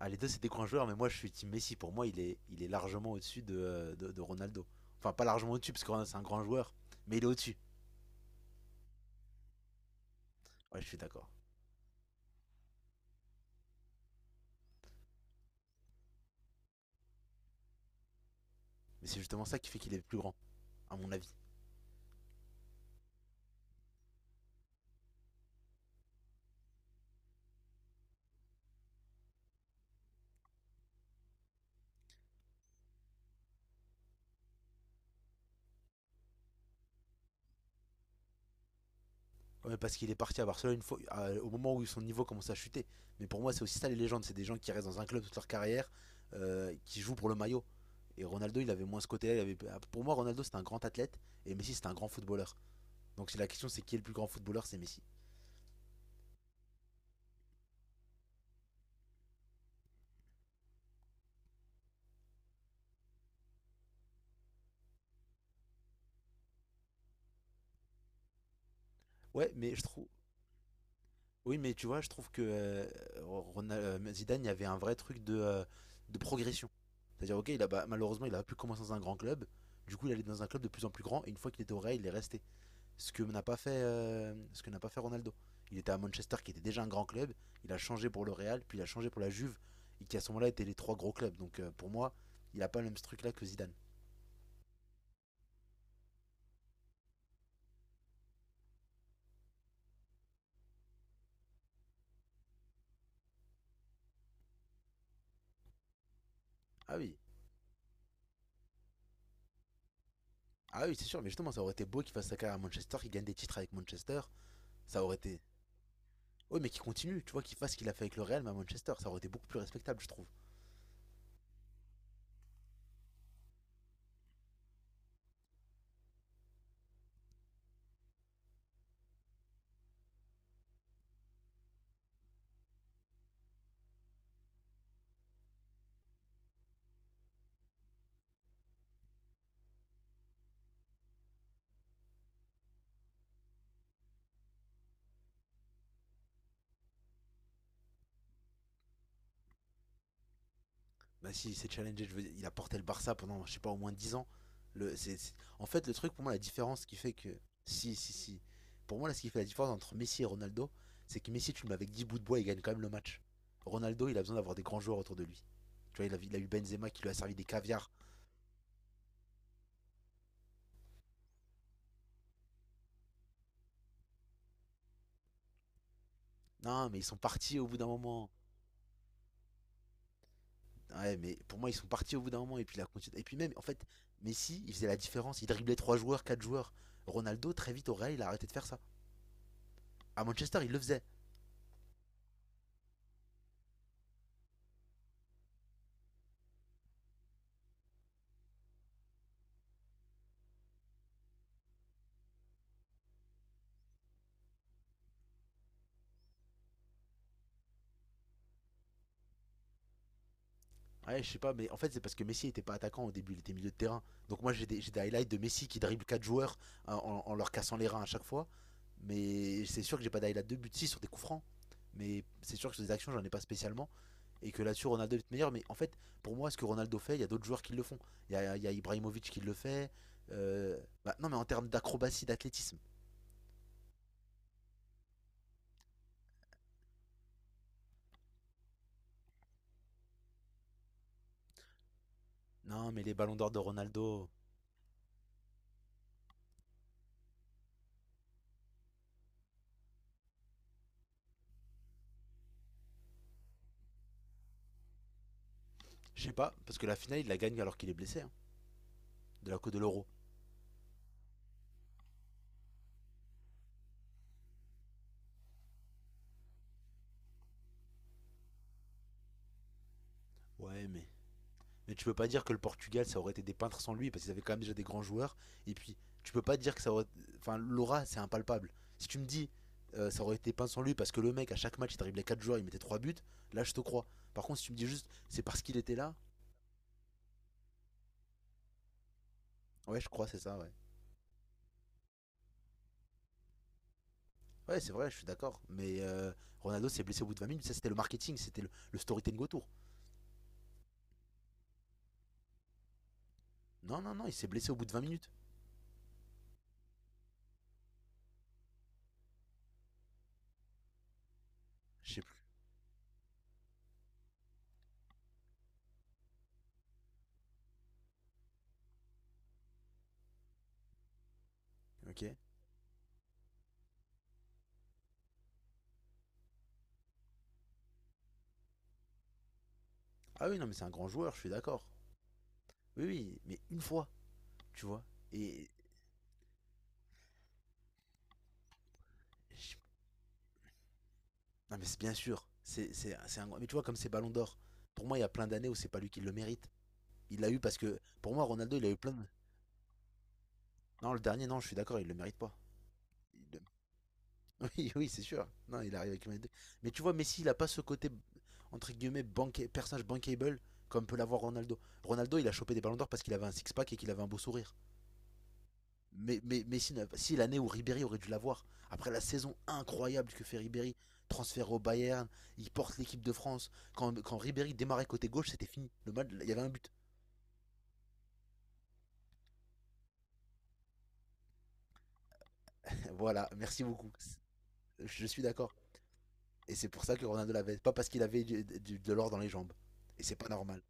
Ah, les deux, c'est des grands joueurs, mais moi, je suis Team Messi. Pour moi, il est largement au-dessus de Ronaldo. Enfin, pas largement au-dessus, parce que Ronaldo, c'est un grand joueur, mais il est au-dessus. Ouais, je suis d'accord. Mais c'est justement ça qui fait qu'il est plus grand, à mon avis. Ouais, parce qu'il est parti à Barcelone une fois, au moment où son niveau commence à chuter. Mais pour moi, c'est aussi ça les légendes. C'est des gens qui restent dans un club toute leur carrière, qui jouent pour le maillot. Et Ronaldo, il avait moins ce côté-là. Pour moi, Ronaldo, c'était un grand athlète et Messi, c'était un grand footballeur. Donc si la question, c'est qui est le plus grand footballeur, c'est Messi. Ouais, mais je trouve. Oui, mais tu vois, je trouve que Zidane, il y avait un vrai truc de progression. C'est-à-dire, ok, il a, bah, malheureusement, il a pu commencer dans un grand club. Du coup, il allait dans un club de plus en plus grand. Et une fois qu'il était au Real, il est resté. Ce que n'a pas fait, ce que n'a pas fait Ronaldo. Il était à Manchester, qui était déjà un grand club. Il a changé pour le Real, puis il a changé pour la Juve, et qui à ce moment-là étaient les trois gros clubs. Donc, pour moi, il a pas le même ce truc-là que Zidane. Ah oui, ah oui, c'est sûr. Mais justement, ça aurait été beau qu'il fasse sa carrière à Manchester, qu'il gagne des titres avec Manchester. Ça aurait été. Oui, mais qu'il continue, tu vois, qu'il fasse ce qu'il a fait avec le Real, mais à Manchester, ça aurait été beaucoup plus respectable, je trouve. Bah, si c'est challengé, je veux dire, il a porté le Barça pendant, je sais pas, au moins 10 ans. En fait, le truc, pour moi, la différence qui fait que. Si, si, si. Pour moi, là, ce qui fait la différence entre Messi et Ronaldo, c'est que Messi, tu le mets avec 10 bouts de bois, il gagne quand même le match. Ronaldo, il a besoin d'avoir des grands joueurs autour de lui. Tu vois, il a eu Benzema qui lui a servi des caviars. Non, mais ils sont partis au bout d'un moment. Ouais, mais pour moi, ils sont partis au bout d'un moment et puis la continuité. Et puis même, en fait, Messi, il faisait la différence. Il driblait 3 joueurs, 4 joueurs. Ronaldo, très vite au Real, il a arrêté de faire ça. À Manchester, il le faisait. Ouais, je sais pas, mais en fait, c'est parce que Messi était pas attaquant au début, il était milieu de terrain. Donc moi, j'ai des highlights de Messi qui dribble 4 joueurs hein, en leur cassant les reins à chaque fois. Mais c'est sûr que j'ai pas d'highlight de but 6 sur des coups francs. Mais c'est sûr que sur des actions, j'en ai pas spécialement. Et que là-dessus Ronaldo est meilleur. Mais en fait, pour moi, ce que Ronaldo fait, il y a d'autres joueurs qui le font. Il y a Ibrahimovic qui le fait. Euh, bah, non, mais en termes d'acrobatie, d'athlétisme. Non, mais les ballons d'or de Ronaldo, je sais pas, parce que la finale, il la gagne alors qu'il est blessé, hein, de la Coupe de l'Euro. Ouais, mais. Mais tu peux pas dire que le Portugal, ça aurait été des peintres sans lui, parce qu'ils avaient quand même déjà des grands joueurs. Et puis, tu peux pas dire que ça aurait. Enfin, l'aura, c'est impalpable. Si tu me dis, ça aurait été peint sans lui, parce que le mec, à chaque match, il les 4 joueurs, il mettait 3 buts, là, je te crois. Par contre, si tu me dis juste, c'est parce qu'il était là. Ouais, je crois, c'est ça, ouais. Ouais, c'est vrai, je suis d'accord. Mais Ronaldo s'est blessé au bout de 20 minutes. Ça, c'était le marketing, c'était le storytelling autour. Non, non, non, il s'est blessé au bout de 20 minutes. Je sais plus, ok. Ah oui, non, mais c'est un grand joueur, je suis d'accord. Oui, oui, mais une fois, tu vois. Et. Je- Non, mais c'est bien sûr. C'est un... Mais tu vois, comme c'est Ballon d'Or, pour moi, il y a plein d'années où c'est pas lui qui le mérite. Il l'a eu parce que. Pour moi, Ronaldo, il a eu plein de. Non, le dernier, non, je suis d'accord, il le mérite pas. Oui, oui, c'est sûr. Non, il arrive avec une manette de-. Mais tu vois, Messi, il a pas ce côté, entre guillemets, personnage bankable comme peut l'avoir Ronaldo. Ronaldo, il a chopé des ballons d'or parce qu'il avait un six-pack et qu'il avait un beau sourire. Mais Messi, si l'année où Ribéry aurait dû l'avoir, après la saison incroyable que fait Ribéry, transfert au Bayern, il porte l'équipe de France. Quand Ribéry démarrait côté gauche, c'était fini. Le match, il y avait un but. voilà, merci beaucoup. Je suis d'accord. Et c'est pour ça que Ronaldo l'avait. Pas parce qu'il avait de l'or dans les jambes. Et c'est pas normal.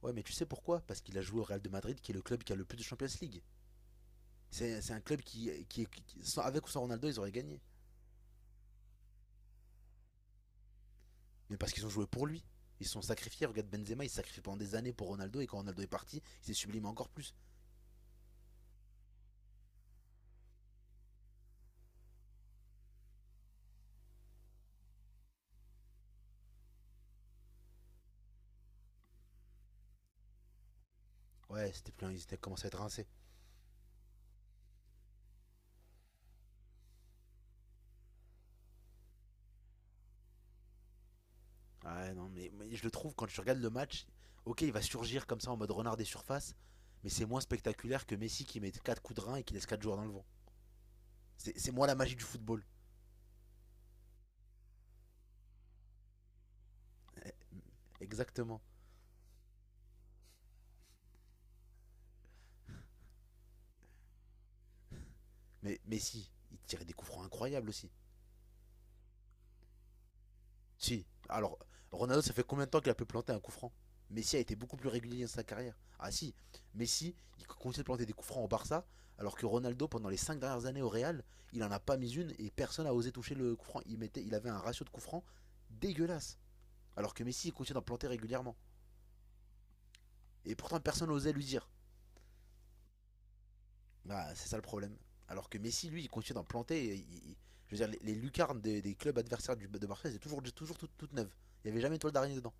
Ouais, mais tu sais pourquoi. Parce qu'il a joué au Real de Madrid, qui est le club qui a le plus de Champions League. C'est un club avec ou sans Ronaldo, ils auraient gagné. Mais parce qu'ils ont joué pour lui. Ils se sont sacrifiés. Regarde Benzema, il s'est sacrifié pendant des années pour Ronaldo, et quand Ronaldo est parti, il s'est sublimé encore plus. Ouais, c'était plein, ils étaient commencé à être rincés. Ouais, non, mais je le trouve, quand tu regardes le match, ok, il va surgir comme ça en mode renard des surfaces, mais c'est moins spectaculaire que Messi qui met 4 coups de rein et qui laisse 4 joueurs dans le vent. C'est moi la magie du football. Exactement. Mais Messi, il tirait des coups francs incroyables aussi. Si. Alors, Ronaldo, ça fait combien de temps qu'il a pu planter un coup franc. Messi a été beaucoup plus régulier dans sa carrière. Ah si, Messi, il continue de planter des coups francs au Barça, alors que Ronaldo, pendant les 5 dernières années au Real, il en a pas mis une et personne n'a osé toucher le coup franc. Il avait un ratio de coups francs dégueulasse. Alors que Messi, il continue d'en planter régulièrement. Et pourtant, personne n'osait lui dire. Bah, c'est ça le problème. Alors que Messi, lui, il continue d'en planter. Je veux dire, les lucarnes des clubs adversaires de Barça, c'est toujours toutes neuves. Il n'y avait jamais une toile d'araignée dedans.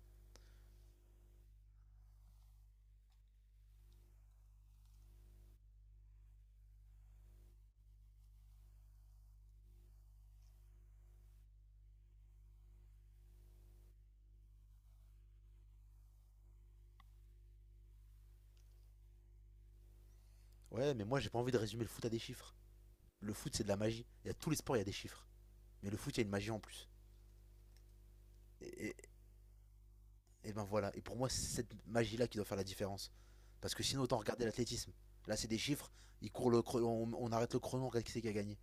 Ouais, mais moi, j'ai pas envie de résumer le foot à des chiffres. Le foot, c'est de la magie. Il y a tous les sports, il y a des chiffres. Mais le foot, il y a une magie en plus. Et, et- et ben voilà. Et pour moi, c'est cette magie-là qui doit faire la différence. Parce que sinon, autant regarder l'athlétisme. Là, c'est des chiffres. Ils courent on arrête le chrono, on regarde qui c'est qui a gagné.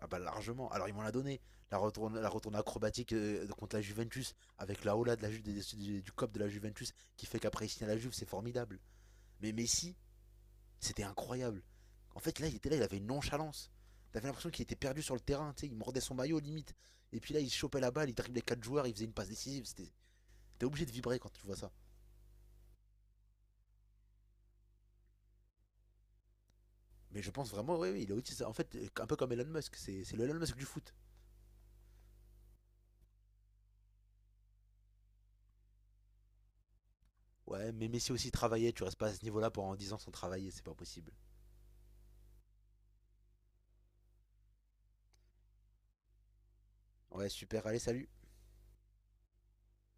Ah bah largement. Alors ils m'en l'a donné. La retourne acrobatique contre la Juventus avec la hola de la, Ju- du cop de la Juventus qui fait qu'après il signe à la Juve, c'est formidable. Mais Messi, c'était incroyable. En fait, là, il était là, il avait une nonchalance. T'avais l'impression qu'il était perdu sur le terrain, tu sais, il mordait son maillot limite. Et puis là, il chopait la balle, il driblait quatre joueurs, il faisait une passe décisive. T'es obligé de vibrer quand tu vois ça. Mais je pense vraiment, oui, oui, il est autiste. En fait, un peu comme Elon Musk, c'est le Elon Musk du foot. Ouais, mais Messi aussi travaillait, tu restes pas à ce niveau-là pendant 10 ans sans travailler, c'est pas possible. Ouais, super, allez, salut.